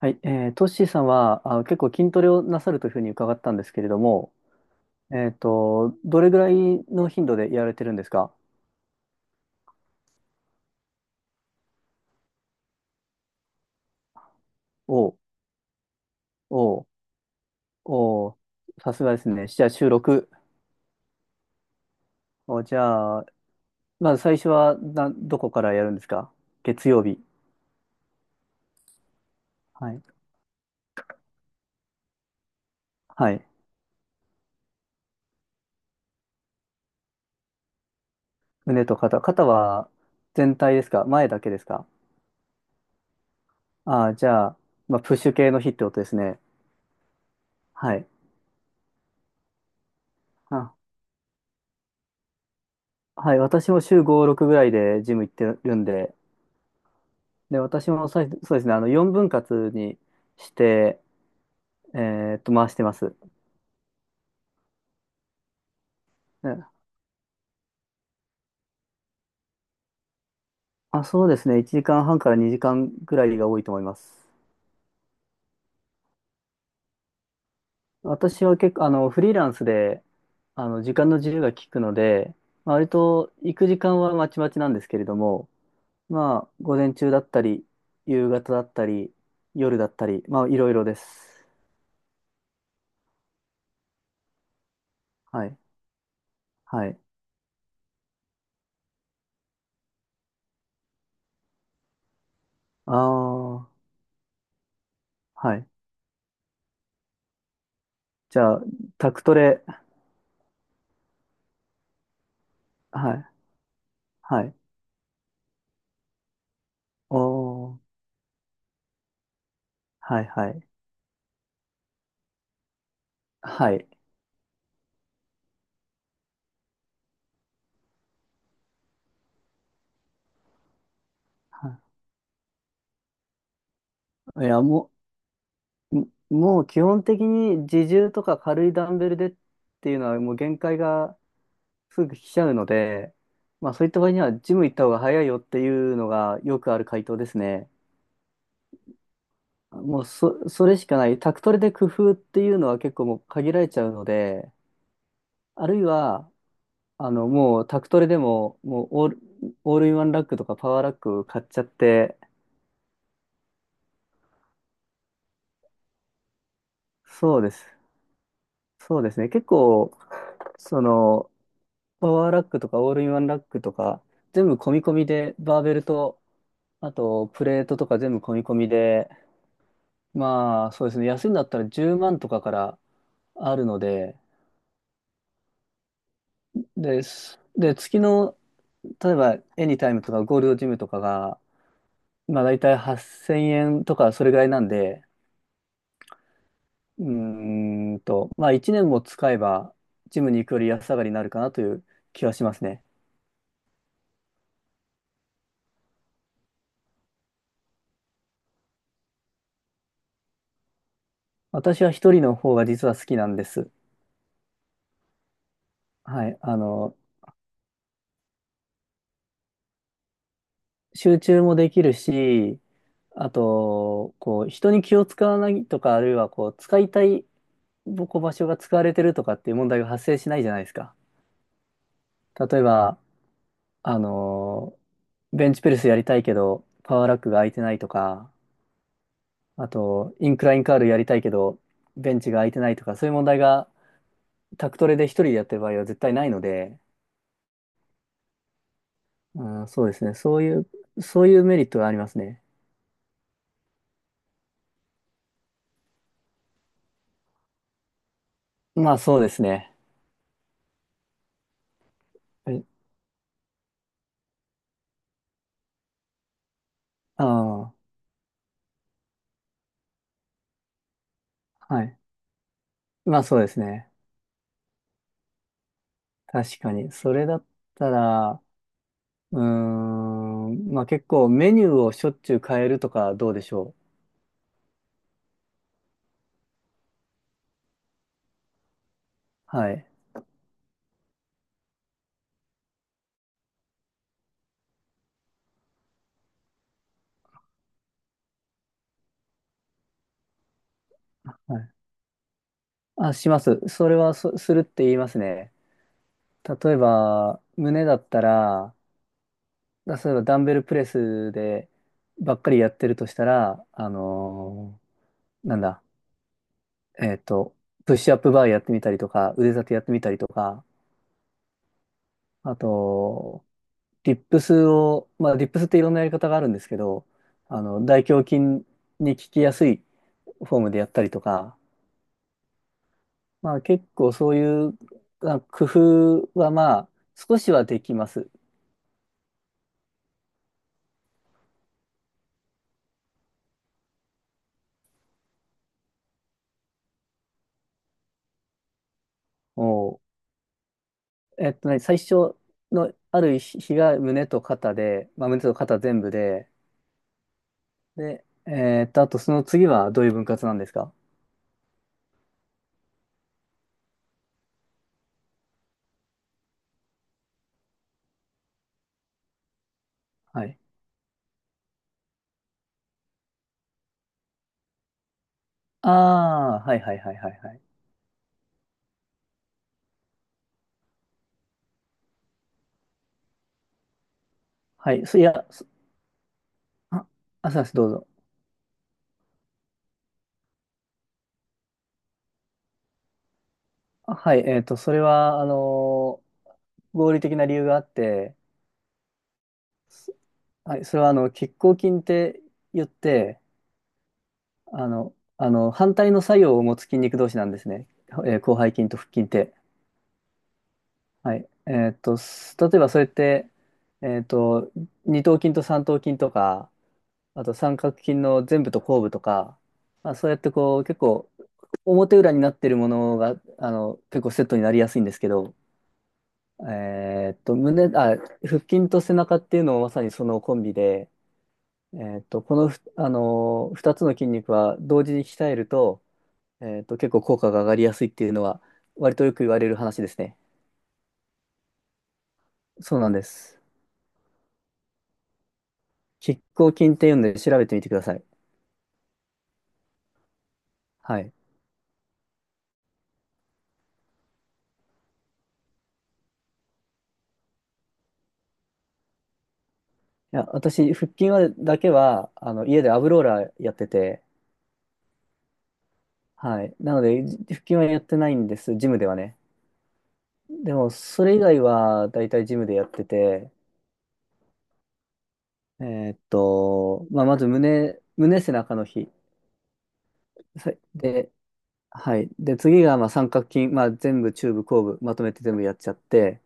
はい、トッシーさんは、あ、結構筋トレをなさるというふうに伺ったんですけれども、どれぐらいの頻度でやられてるんですか？おう。おう。おう。さすがですね。じゃあ収録。お、じゃあ、まず最初はな、どこからやるんですか？月曜日。はい。はい。胸と肩。肩は全体ですか、前だけですか？ああー、じゃあ、まあ、プッシュ系の日ってことですね。はい。あ、はい。私も週5、6ぐらいでジム行ってるんで、で、私もそうですね、あの、4分割にして、え回してます。ね。あ、そうですね、1時間半から2時間くらいが多いと思います。私は結構、あの、フリーランスで、あの、時間の自由が利くので、まあ割と行く時間はまちまちなんですけれども、まあ、午前中だったり、夕方だったり、夜だったり、まあ、いろいろです。はい。はい。ああ、はい。じゃあ、タクトレ、はい。はい。おー。はいはい。はい。はい。いや、もう基本的に自重とか軽いダンベルでっていうのはもう限界がすぐ来ちゃうので、まあそういった場合にはジム行った方が早いよっていうのがよくある回答ですね。もうそ、それしかない。宅トレで工夫っていうのは結構もう限られちゃうので、あるいは、あの、もう宅トレでも、もうオール、オールインワンラックとかパワーラック買っちゃって、そうです。そうですね。結構、その、パワーラックとかオールインワンラックとか、全部込み込みで、バーベルと、あとプレートとか全部込み込みで、まあそうですね、安いんだったら10万とかからあるので、です。で、月の、例えばエニタイムとかゴールドジムとかが、まあ大体8000円とかそれぐらいなんで、うーんと、まあ1年も使えば、ジムに行くより安上がりになるかなという気はしますね。私は一人の方が実は好きなんです。はい。あの、集中もできるし、あと、こう、人に気を使わないとか、あるいはこう、使いたいぼこう場所が使われてるとかっていう問題が発生しないじゃないですか。例えば、あのベンチプレスやりたいけど、パワーラックが空いてないとか、あと、インクラインカールやりたいけど、ベンチが空いてないとか、そういう問題が、タクトレで一人でやってる場合は絶対ないので、うん、そうですね。そういうメリットがありますね。まあそうですね。えああ、はい。まあそうですね。確かに。それだったら、うーん、まあ結構メニューをしょっちゅう変えるとかどうでしょう。はい。はい。あ、します。それはするって言いますね。例えば、胸だったら、例えばダンベルプレスでばっかりやってるとしたら、あのーなんだ、えっと、プッシュアップバーやってみたりとか、腕立てやってみたりとか、あと、リップスを、まあ、リップスっていろんなやり方があるんですけど、あの、大胸筋に効きやすいフォームでやったりとか、まあ、結構そういう工夫は、まあ、少しはできます。もう、えっとね、最初のある日が胸と肩で、まあ、胸と肩全部で、で、えっと、あとその次はどういう分割なんですか？はい。ああ、はいはいはいはいはい。はい、あ、あ、すいません、どうぞ。あ、はい、えっと、それは、あのー合理的な理由があって、そはい、それはあの、拮抗筋って言って、あの、反対の作用を持つ筋肉同士なんですね。えー、広背筋と腹筋って。はい。例えばそれって、えーっと、二頭筋と三頭筋とか、あと三角筋の前部と後部とか、まあ、そうやってこう、結構、表裏になってるものが、あの、結構セットになりやすいんですけど、えーっと、胸、あ、腹筋と背中っていうのもまさにそのコンビで、えーっと、この2つの筋肉は同時に鍛えると、えーっと、結構効果が上がりやすいっていうのは、割とよく言われる話ですね。そうなんです。拮抗筋っていうんで調べてみてください。はい。いや、私、腹筋だけは、あの、家でアブローラーやってて、はい。なので、腹筋はやってないんです、ジムではね。でも、それ以外は、だいたいジムでやってて、えーっと、まあ、まず胸背中の日。さで、はい。で、次がまあ三角筋、まあ、全部中部、後部、まとめて全部やっちゃって、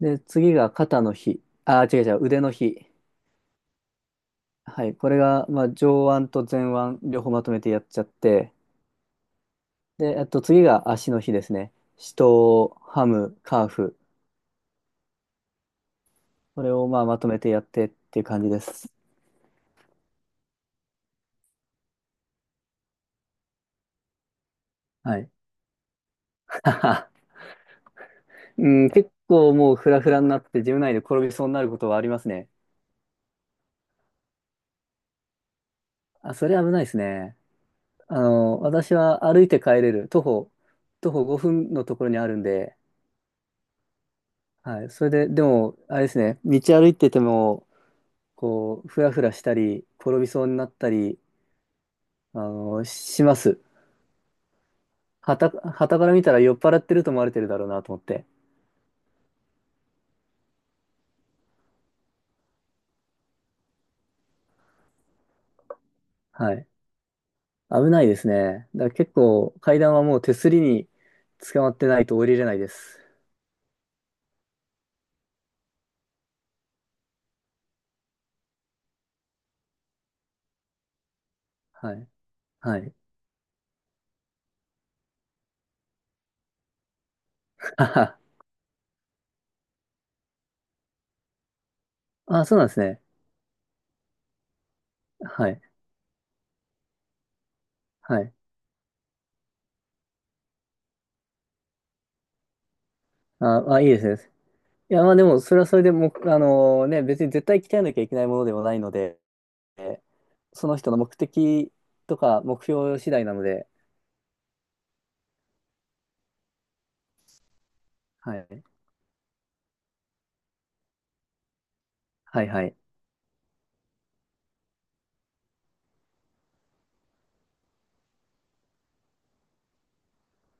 で、次が肩の日、あ、違う違う、腕の日。はい。これがまあ上腕と前腕、両方まとめてやっちゃって、で、あと次が足の日ですね。四頭、ハム、カーフ。これをまあまとめてやってっていう感じです。はい。うん、結構もうフラフラになって、自分内で転びそうになることはありますね。あ、それ危ないですね。あの、私は歩いて帰れる。徒歩5分のところにあるんで、はい。それで、でも、あれですね、道歩いてても、こう、ふらふらしたり、転びそうになったり、あの、します。はたから見たら酔っ払ってると思われてるだろうなと思って。はい。危ないですね。だから結構、階段はもう手すりに捕まってないと降りれないです。はい。はい。あはは、あ、そうなんですね。はい。はい。あ、あ、いいですね。いや、まあでも、それはそれでもう、あのね、別に絶対鍛えなきゃいけないものではないので、その人の目的とか目標次第なので、はい。はいはい。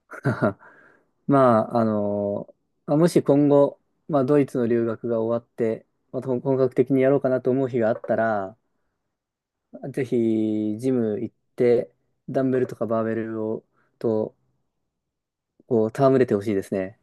まあ、あの。まあもし今後、まあドイツの留学が終わって、また本格的にやろうかなと思う日があったら、ぜひ、ジム行って、ダンベルとかバーベルを、と、こう、戯れてほしいですね。